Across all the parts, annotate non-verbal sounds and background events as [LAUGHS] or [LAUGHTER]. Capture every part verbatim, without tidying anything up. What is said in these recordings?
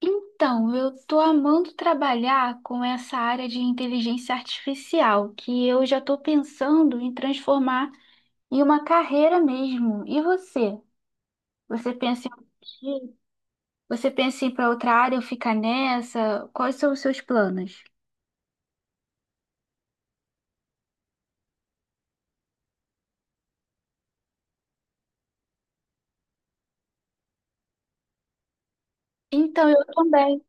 Então, eu tô amando trabalhar com essa área de inteligência artificial, que eu já tô pensando em transformar em uma carreira mesmo. E você? Você pensa em você pensa em ir para outra área ou ficar nessa? Quais são os seus planos? Então, eu também.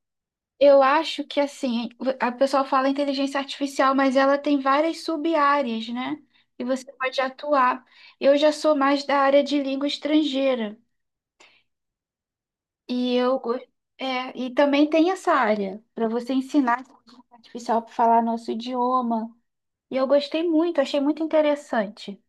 Eu acho que assim, a pessoa fala inteligência artificial, mas ela tem várias sub-áreas, né? E você pode atuar. Eu já sou mais da área de língua estrangeira. E eu go- é, e também tem essa área para você ensinar a inteligência artificial para falar nosso idioma. E eu gostei muito, achei muito interessante.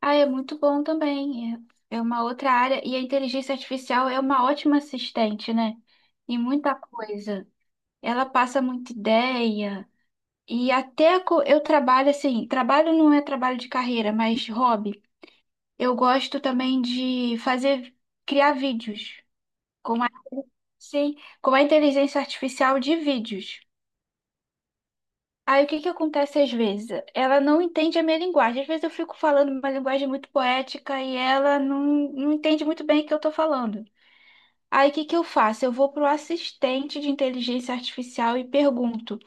Ah, é muito bom também. É é uma outra área e a inteligência artificial é uma ótima assistente, né? Em muita coisa. Ela passa muita ideia. E até co- eu trabalho assim, trabalho não é trabalho de carreira, mas hobby. Eu gosto também de fazer, criar vídeos com a, sim, com a inteligência artificial de vídeos. Aí o que que acontece às vezes? Ela não entende a minha linguagem. Às vezes eu fico falando uma linguagem muito poética e ela não, não entende muito bem o que eu estou falando. Aí o que que eu faço? Eu vou para o assistente de inteligência artificial e pergunto.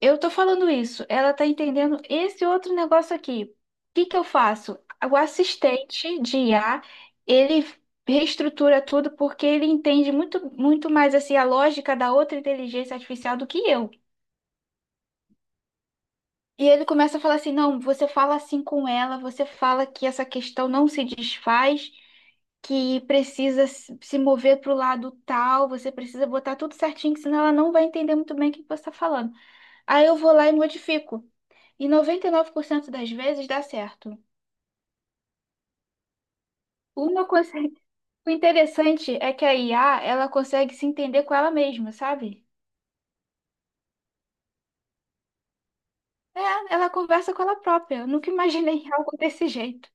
Eu tô falando isso, ela tá entendendo esse outro negócio aqui. O que que eu faço? O assistente de I A, ele reestrutura tudo porque ele entende muito, muito mais assim a lógica da outra inteligência artificial do que eu. E ele começa a falar assim: não, você fala assim com ela, você fala que essa questão não se desfaz, que precisa se se mover para o lado tal, você precisa botar tudo certinho, que senão ela não vai entender muito bem o que você está falando. Aí eu vou lá e modifico. E noventa e nove por cento das vezes dá certo. Uma consegue... O interessante é que a I A, ela consegue se entender com ela mesma, sabe? É, ela conversa com ela própria. Eu nunca imaginei [LAUGHS] algo desse jeito.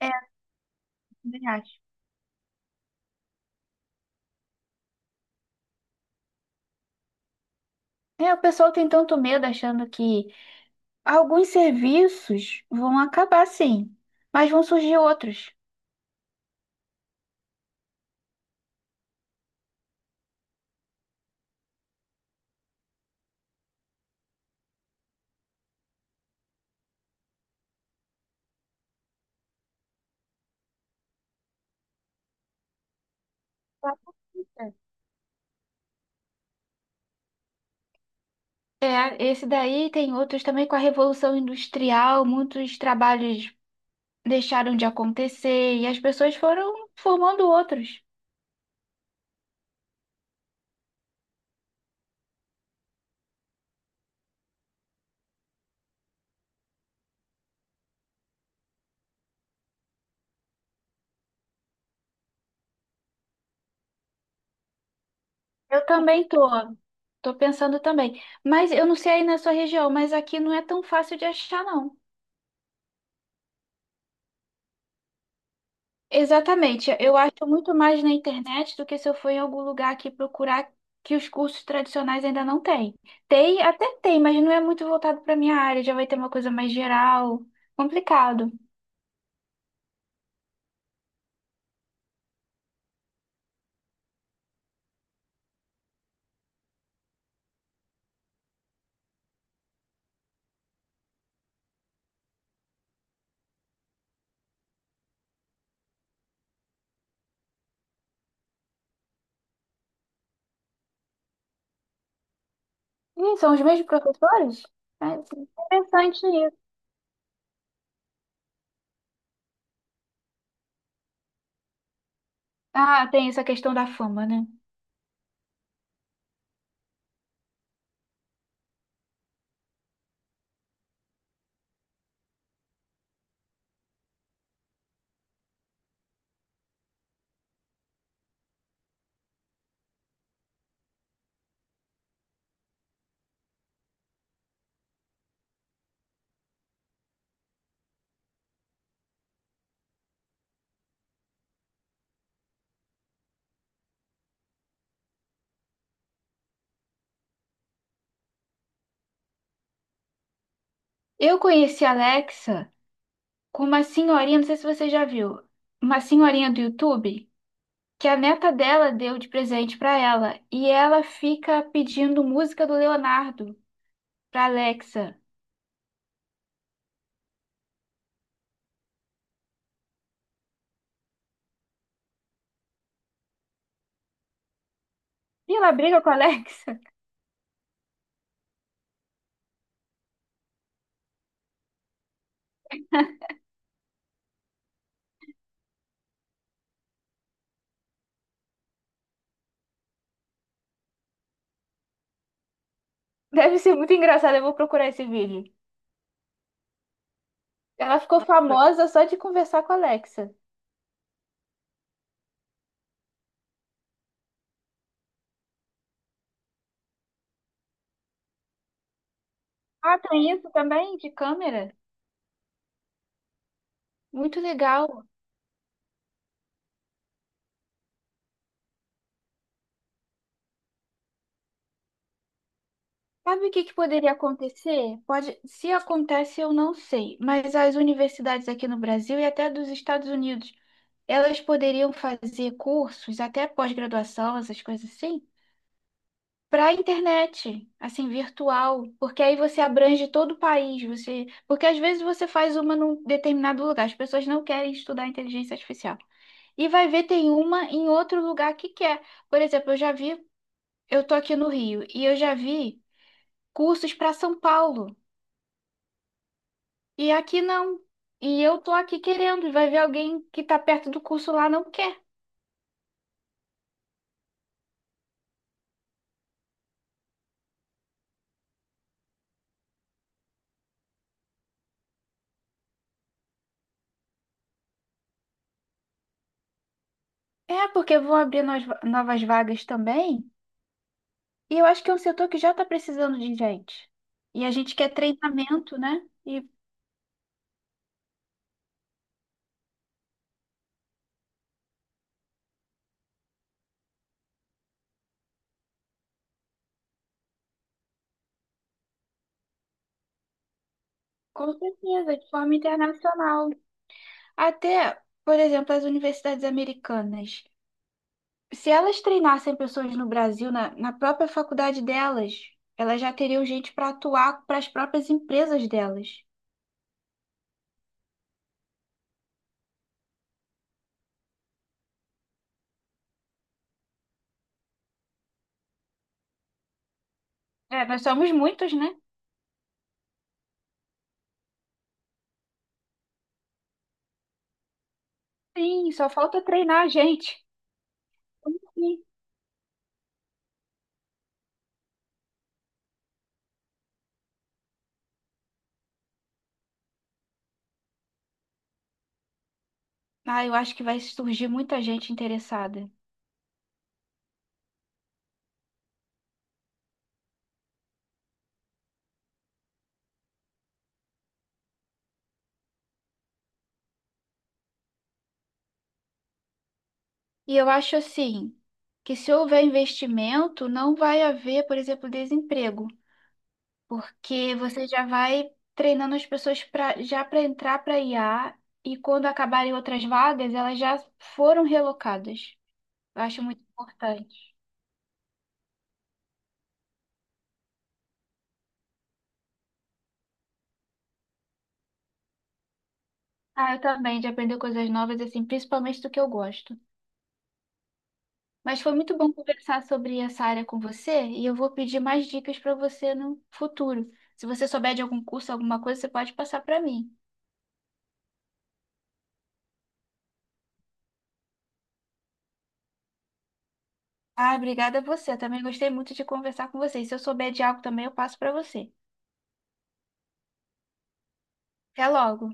É, também acho. É, o pessoal tem tanto medo achando que alguns serviços vão acabar, sim, mas vão surgir outros. É, esse daí tem outros também com a Revolução Industrial, muitos trabalhos deixaram de acontecer e as pessoas foram formando outros. Eu também tô. Tô pensando também. Mas eu não sei aí na sua região, mas aqui não é tão fácil de achar, não. Exatamente. Eu acho muito mais na internet do que se eu for em algum lugar aqui procurar que os cursos tradicionais ainda não têm. Tem, até tem, mas não é muito voltado para minha área. Já vai ter uma coisa mais geral. Complicado. Ih, são os mesmos professores? É interessante isso. Ah, tem essa questão da fama, né? Eu conheci a Alexa com uma senhorinha, não sei se você já viu, uma senhorinha do YouTube que a neta dela deu de presente pra ela e ela fica pedindo música do Leonardo pra Alexa. E ela briga com a Alexa. [LAUGHS] Deve ser muito engraçado, eu vou procurar esse vídeo. Ela ficou famosa só de conversar com a Alexa. Ah, tem isso também de câmera? Muito legal. Sabe o que que poderia acontecer? Pode, se acontece, eu não sei, mas as universidades aqui no Brasil e até dos Estados Unidos elas poderiam fazer cursos, até pós-graduação, essas coisas assim, para a internet, assim, virtual, porque aí você abrange todo o país, você, porque às vezes você faz uma num determinado lugar, as pessoas não querem estudar inteligência artificial. E vai ver tem uma em outro lugar que quer. Por exemplo, eu já vi, eu tô aqui no Rio e eu já vi cursos para São Paulo. E aqui não. E eu tô aqui querendo, e vai ver alguém que tá perto do curso lá não quer. É, porque vão abrir nós- novas vagas também. E eu acho que é um setor que já está precisando de gente. E a gente quer treinamento, né? E com certeza, de forma internacional. Até, por exemplo, as universidades americanas. Se elas treinassem pessoas no Brasil, na, na própria faculdade delas, elas já teriam gente para atuar para as próprias empresas delas. É, nós somos muitos, né? Sim, só falta treinar a gente. Como assim? Ah, eu acho que vai surgir muita gente interessada. E eu acho assim, que se houver investimento, não vai haver, por exemplo, desemprego, porque você já vai treinando as pessoas pra, já para entrar para I A e quando acabarem outras vagas, elas já foram relocadas. Eu acho muito importante. Ah, eu também, de aprender coisas novas, assim, principalmente do que eu gosto. Mas foi muito bom conversar sobre essa área com você e eu vou pedir mais dicas para você no futuro. Se você souber de algum curso, alguma coisa, você pode passar para mim. Ah, obrigada a você. Eu também gostei muito de conversar com você. E se eu souber de algo também, eu passo para você. Até logo.